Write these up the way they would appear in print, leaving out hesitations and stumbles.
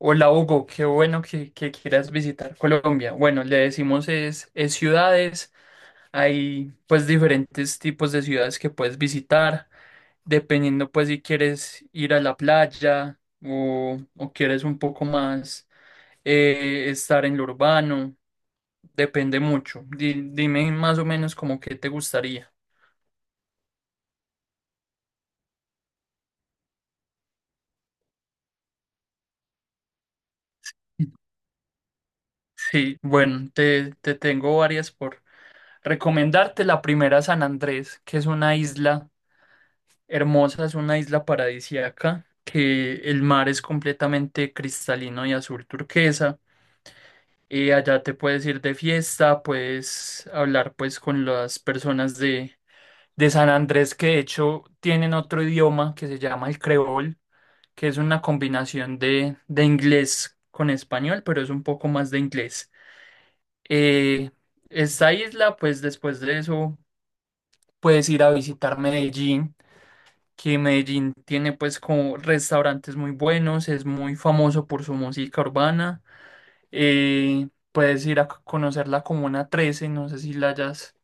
Hola Hugo, qué bueno que quieras visitar Colombia. Bueno, le decimos es ciudades, hay pues diferentes tipos de ciudades que puedes visitar, dependiendo pues si quieres ir a la playa o quieres un poco más estar en lo urbano, depende mucho. Dime más o menos como qué te gustaría. Sí, bueno, te tengo varias por recomendarte. La primera, San Andrés, que es una isla hermosa, es una isla paradisíaca, que el mar es completamente cristalino y azul turquesa. Allá te puedes ir de fiesta, puedes hablar pues con las personas de San Andrés, que de hecho tienen otro idioma que se llama el creol, que es una combinación de inglés con español, pero es un poco más de inglés. Eh, Esta isla, pues después de eso puedes ir a visitar Medellín, que Medellín tiene pues como restaurantes muy buenos, es muy famoso por su música urbana. Puedes ir a conocer la Comuna 13, no sé si la hayas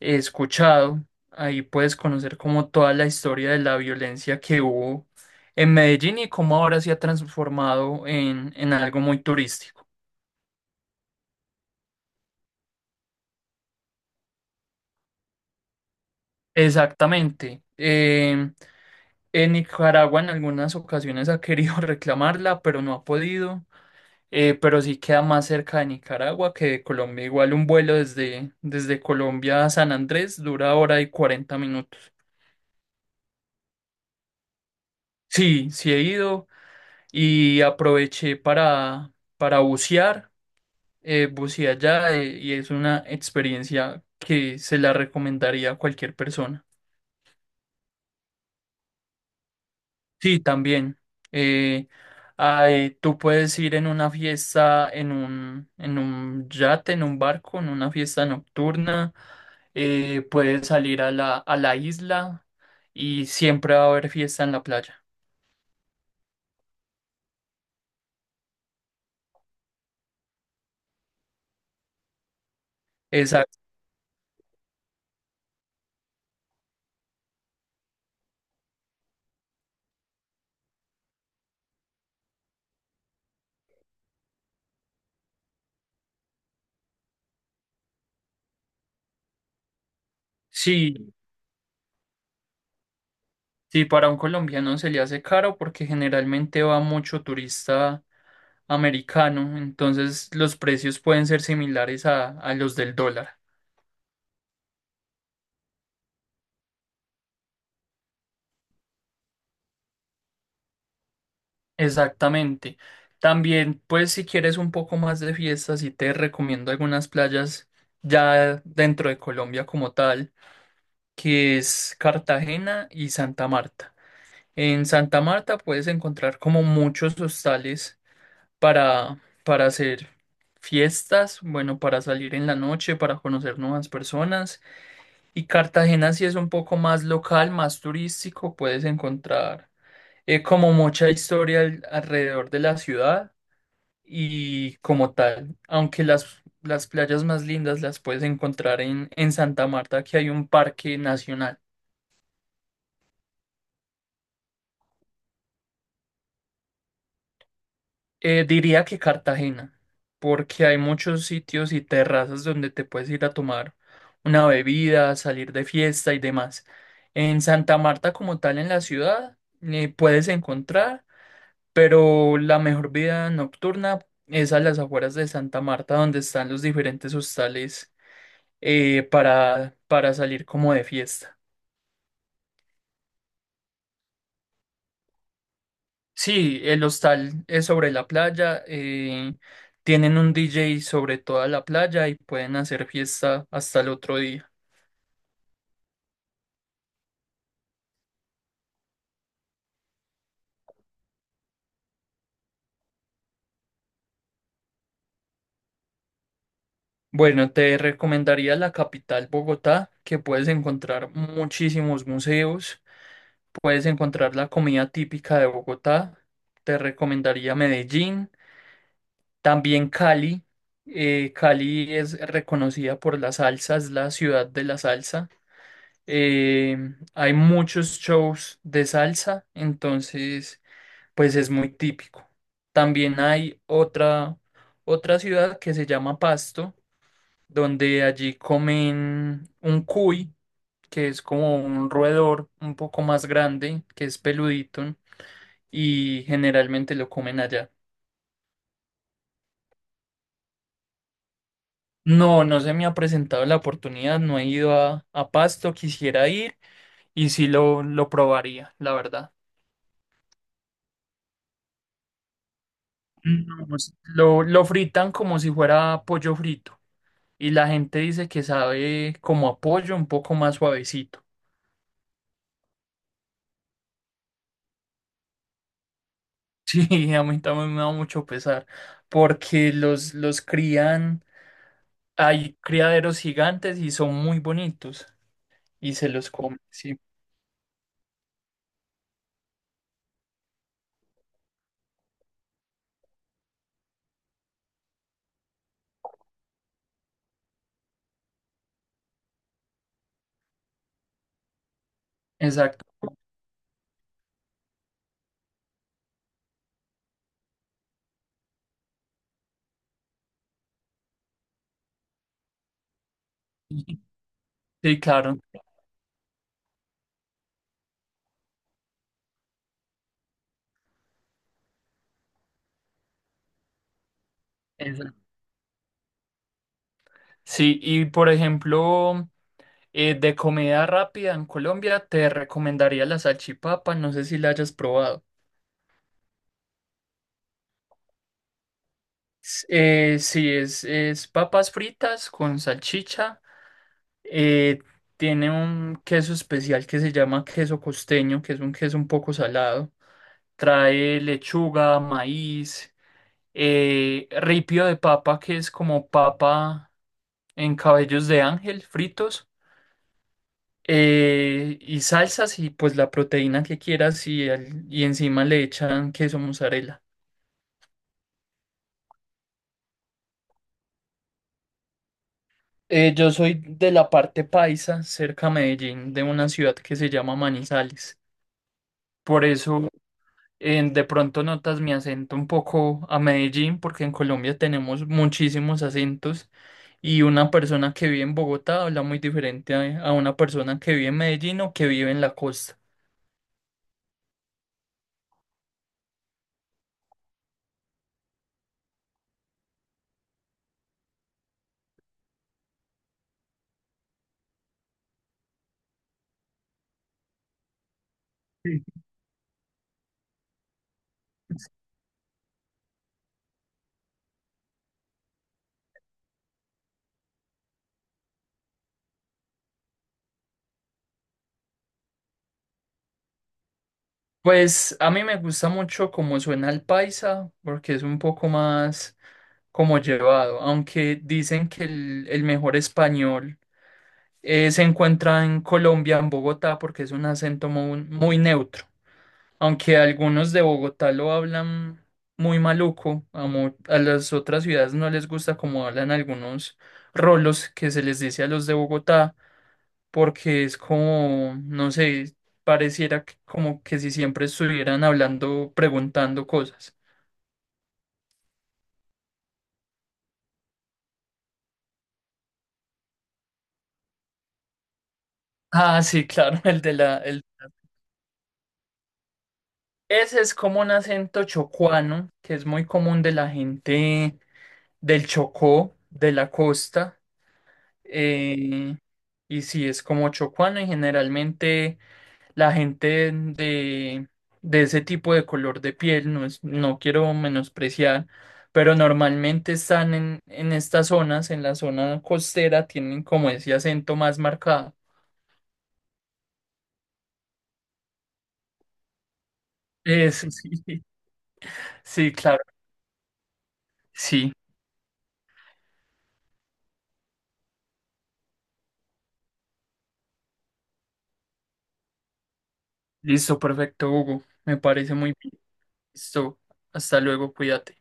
escuchado. Ahí puedes conocer como toda la historia de la violencia que hubo en Medellín y cómo ahora se ha transformado en algo muy turístico. Exactamente. En Nicaragua en algunas ocasiones ha querido reclamarla, pero no ha podido. Pero sí queda más cerca de Nicaragua que de Colombia. Igual un vuelo desde Colombia a San Andrés dura hora y cuarenta minutos. Sí, sí he ido y aproveché para bucear. Buceé allá y es una experiencia que se la recomendaría a cualquier persona. Sí, también. eh, Ay, tú puedes ir en una fiesta, en un yate, en un barco, en una fiesta nocturna. Puedes salir a a la isla y siempre va a haber fiesta en la playa. Exacto. Sí, sí, para un colombiano se le hace caro porque generalmente va mucho turista americano, entonces los precios pueden ser similares a los del dólar. Exactamente. También, pues si quieres un poco más de fiesta, sí te recomiendo algunas playas ya dentro de Colombia como tal, que es Cartagena y Santa Marta. En Santa Marta puedes encontrar como muchos hostales para, para hacer fiestas, bueno, para salir en la noche, para conocer nuevas personas. Y Cartagena sí es un poco más local, más turístico, puedes encontrar como mucha historia alrededor de la ciudad y como tal, aunque las playas más lindas las puedes encontrar en Santa Marta, que hay un parque nacional. Diría que Cartagena, porque hay muchos sitios y terrazas donde te puedes ir a tomar una bebida, salir de fiesta y demás. En Santa Marta como tal en la ciudad puedes encontrar, pero la mejor vida nocturna es a las afueras de Santa Marta, donde están los diferentes hostales para salir como de fiesta. Sí, el hostal es sobre la playa, tienen un DJ sobre toda la playa y pueden hacer fiesta hasta el otro día. Bueno, te recomendaría la capital Bogotá, que puedes encontrar muchísimos museos, puedes encontrar la comida típica de Bogotá, te recomendaría Medellín, también Cali. Cali es reconocida por la salsa, es la ciudad de la salsa. Eh, Hay muchos shows de salsa, entonces pues es muy típico. También hay otra ciudad que se llama Pasto, donde allí comen un cuy, que es como un roedor un poco más grande, que es peludito, y generalmente lo comen allá. No, no se me ha presentado la oportunidad, no he ido a Pasto, quisiera ir y sí lo probaría, la verdad. No, pues, lo fritan como si fuera pollo frito y la gente dice que sabe como a pollo un poco más suavecito. Sí, a mí también me da mucho pesar porque los crían, hay criaderos gigantes y son muy bonitos y se los comen, sí, exacto. Sí, claro, exacto. Sí, y por ejemplo, de comida rápida en Colombia te recomendaría la salchipapa, no sé si la hayas probado. Sí, es papas fritas con salchicha. eh, Tiene un queso especial que se llama queso costeño, que es un queso un poco salado. Trae lechuga, maíz, ripio de papa, que es como papa en cabellos de ángel fritos. Y salsas y pues la proteína que quieras y, y encima le echan queso mozzarella. Yo soy de la parte paisa, cerca a Medellín, de una ciudad que se llama Manizales. Por eso, de pronto notas mi acento un poco a Medellín, porque en Colombia tenemos muchísimos acentos y una persona que vive en Bogotá habla muy diferente a una persona que vive en Medellín o que vive en la costa. Sí. Pues a mí me gusta mucho cómo suena el paisa, porque es un poco más como llevado, aunque dicen que el mejor español se encuentra en Colombia, en Bogotá, porque es un acento muy, muy neutro. Aunque algunos de Bogotá lo hablan muy maluco, a las otras ciudades no les gusta como hablan algunos rolos, que se les dice a los de Bogotá, porque es como, no sé, pareciera que como que si siempre estuvieran hablando, preguntando cosas. Ah, sí, claro, el de la... el- Ese es como un acento chocuano, que es muy común de la gente del Chocó, de la costa. eh, y si es como chocuana, y generalmente la gente de ese tipo de color de piel, no es, no quiero menospreciar, pero normalmente están en estas zonas, en la zona costera, tienen como ese acento más marcado. Eso sí, sí, claro, sí. Listo, perfecto, Hugo. Me parece muy bien. Listo. Hasta luego, cuídate.